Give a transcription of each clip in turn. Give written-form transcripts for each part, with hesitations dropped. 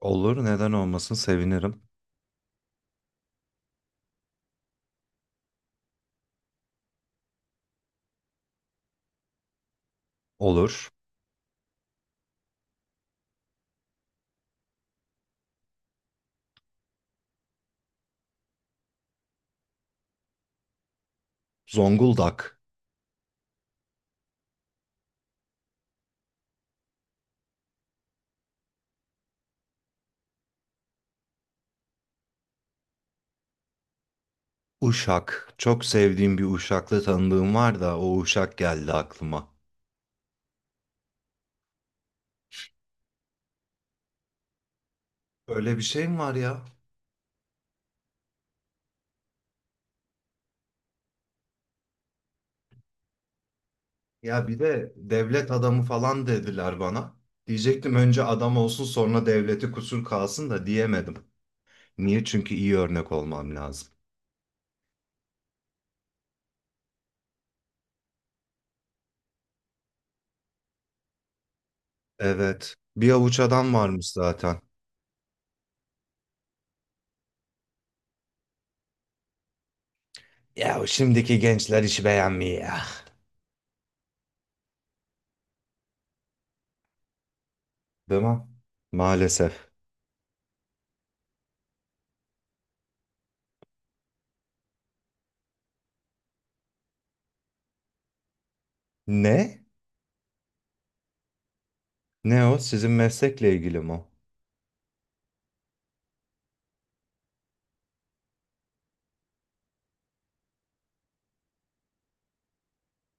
Olur, neden olmasın? Sevinirim. Olur. Zonguldak, Uşak. Çok sevdiğim bir Uşaklı tanıdığım var da o Uşak geldi aklıma. Öyle bir şey mi var ya? Ya bir de devlet adamı falan dediler bana. Diyecektim önce adam olsun sonra devleti kusur kalsın da diyemedim. Niye? Çünkü iyi örnek olmam lazım. Evet. Bir avuç adam varmış zaten. Ya şimdiki gençler işi beğenmiyor ya. Değil mi? Maalesef. Ne? Ne o? Sizin meslekle ilgili mi?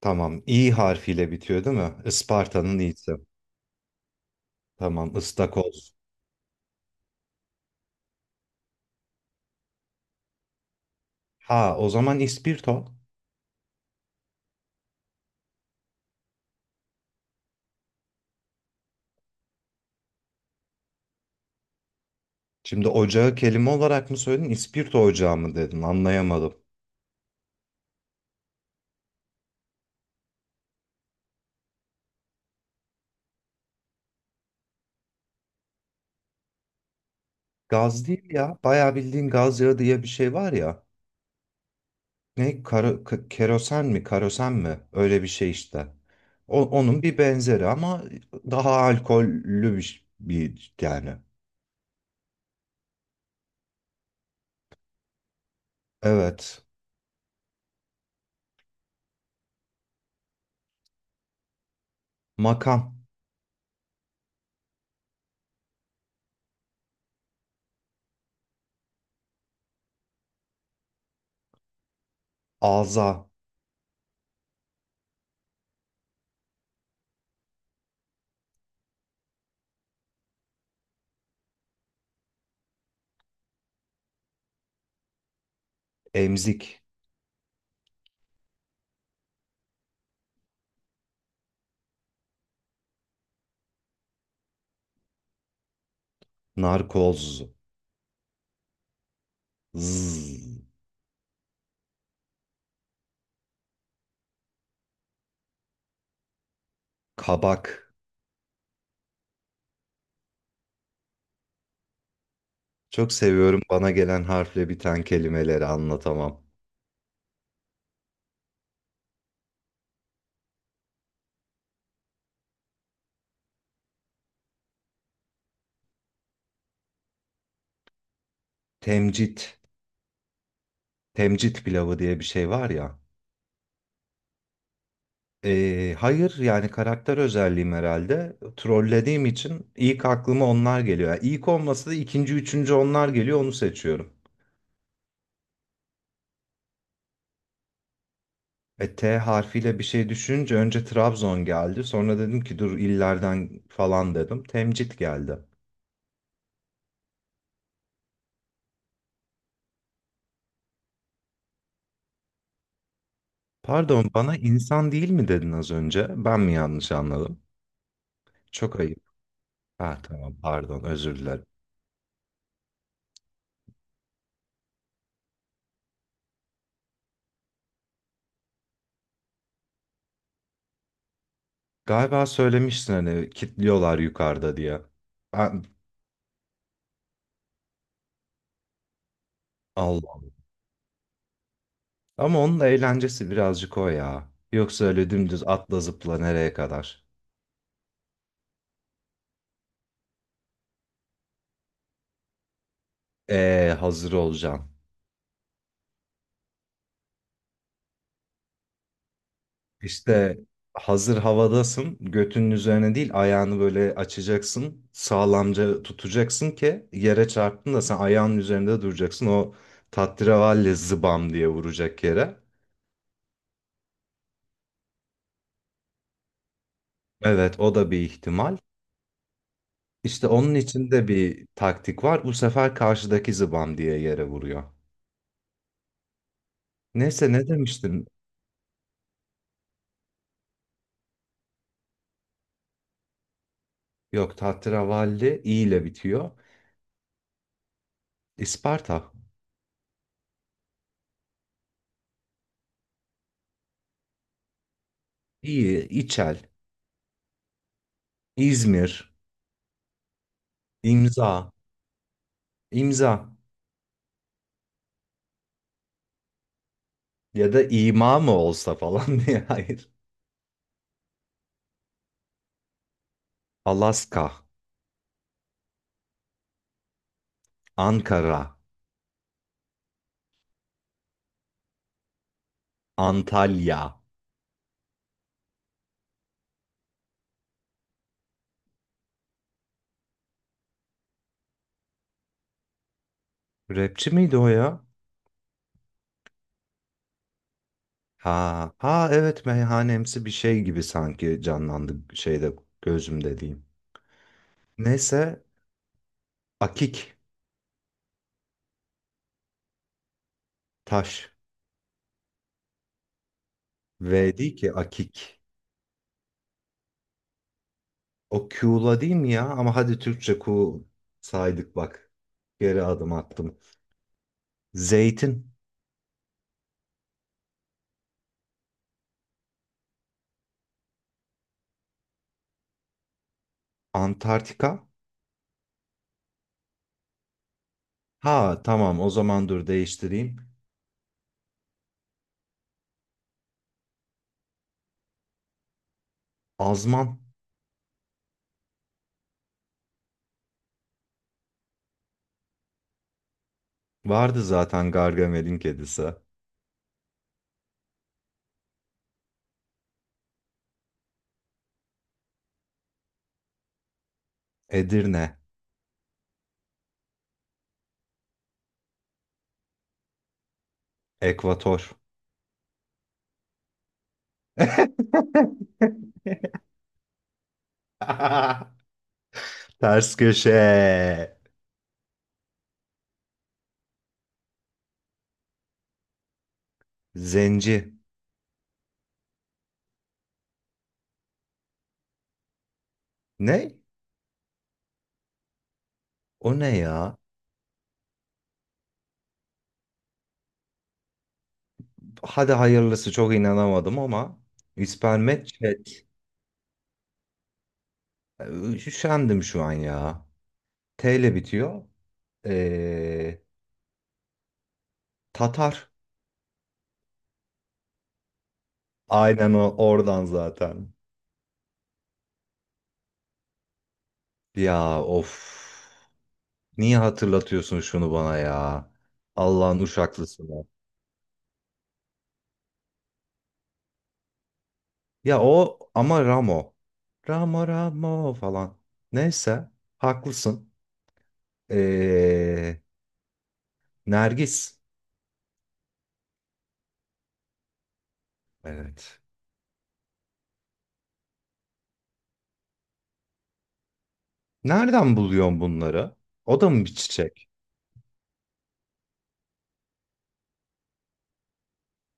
Tamam. İ harfiyle bitiyor değil mi? Isparta'nın i'si. Tamam. Istakoz. Ha, o zaman ispirto. Şimdi ocağı kelime olarak mı söyledin? İspirto ocağı mı dedin? Anlayamadım. Gaz değil ya. Bayağı bildiğin gaz yağı diye bir şey var ya. Ne? Karo, kerosen mi? Karosen mi? Öyle bir şey işte. Onun bir benzeri ama daha alkollü bir, bir yani. Evet. Makam, ağza, emzik, narkoz. Zzz. Kabak. Çok seviyorum bana gelen harfle biten kelimeleri anlatamam. Temcit. Temcit pilavı diye bir şey var ya. Hayır yani karakter özelliğim herhalde. Trollediğim için ilk aklıma onlar geliyor. Yani ilk olmasa da ikinci, üçüncü onlar geliyor onu seçiyorum. E, T harfiyle bir şey düşünce önce Trabzon geldi. Sonra dedim ki dur illerden falan dedim. Temcit geldi. Pardon bana insan değil mi dedin az önce? Ben mi yanlış anladım? Çok ayıp. Ha tamam pardon özür dilerim. Galiba söylemiştin hani kitliyorlar yukarıda diye. Ben, Allah Allah. Ama onun eğlencesi birazcık o ya. Yoksa öyle dümdüz atla zıpla nereye kadar? Hazır olacaksın. İşte hazır havadasın. Götünün üzerine değil ayağını böyle açacaksın. Sağlamca tutacaksın ki yere çarptın da sen ayağının üzerinde duracaksın. O tatravalle zıbam diye vuracak yere. Evet o da bir ihtimal. İşte onun içinde bir taktik var. Bu sefer karşıdaki zıbam diye yere vuruyor. Neyse ne demiştim? Yok Tahterevalli i ile bitiyor. İsparta, iyi, İçel, İzmir, imza, imza ya da ima mı olsa falan diye. Hayır. Alaska, Ankara, Antalya. Rapçi miydi o ya? Ha, ha evet meyhanemsi bir şey gibi sanki canlandı şeyde gözümde diyeyim. Neyse akik, taş. V değil ki akik. O Q'la değil mi ya? Ama hadi Türkçe Q saydık bak. Geri adım attım. Zeytin. Antarktika. Ha tamam o zaman dur değiştireyim. Azman. Vardı zaten Gargamel'in kedisi. Edirne. Ekvator. Ters köşe. Zenci. Ne? O ne ya? Hadi hayırlısı çok inanamadım ama. İspermet Üşendim şu an ya. T ile bitiyor. Ee, Tatar. Aynen o oradan zaten. Ya of. Niye hatırlatıyorsun şunu bana ya? Allah'ın uşaklısını. Ya o ama Ramo. Ramo Ramo falan. Neyse. Haklısın. Ee, Nergis. Evet. Nereden buluyorsun bunları? O da mı bir çiçek?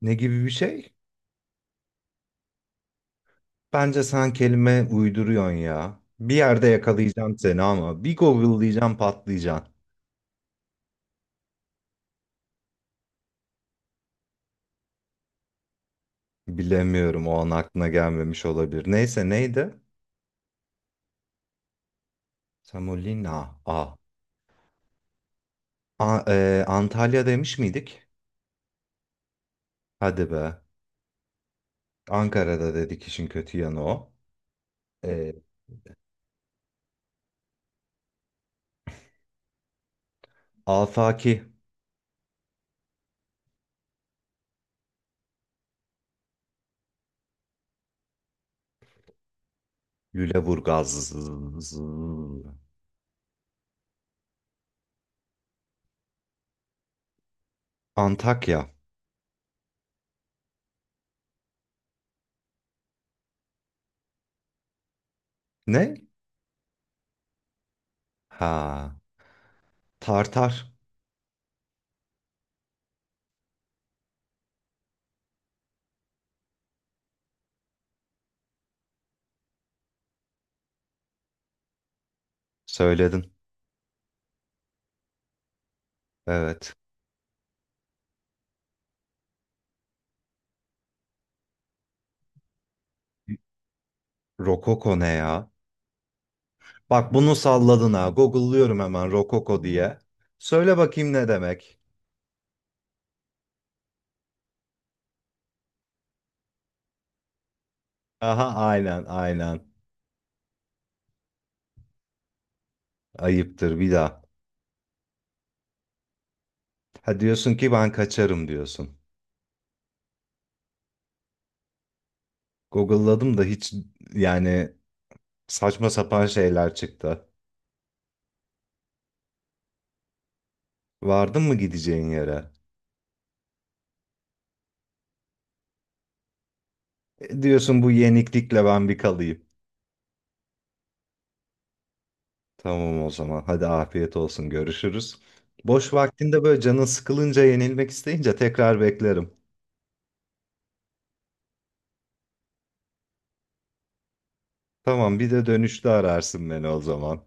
Ne gibi bir şey? Bence sen kelime uyduruyorsun ya. Bir yerde yakalayacağım seni ama bir Google'layacağım patlayacaksın. Bilemiyorum o an aklına gelmemiş olabilir. Neyse neydi? Samulina. A. A Antalya demiş miydik? Hadi be. Ankara'da dedik işin kötü yanı o. E, Afaki. Lüleburgaz. Antakya. Ne? Ha. Tartar. Söyledin. Evet. Rokoko ne ya? Bak bunu salladın ha. Google'lıyorum hemen Rokoko diye. Söyle bakayım ne demek? Aha aynen aynen. Ayıptır bir daha. Ha diyorsun ki ben kaçarım diyorsun. Google'ladım da hiç yani saçma sapan şeyler çıktı. Vardın mı gideceğin yere? E, diyorsun bu yeniklikle ben bir kalayım. Tamam o zaman. Hadi afiyet olsun. Görüşürüz. Boş vaktinde böyle canın sıkılınca yenilmek isteyince tekrar beklerim. Tamam bir de dönüşte ararsın beni o zaman.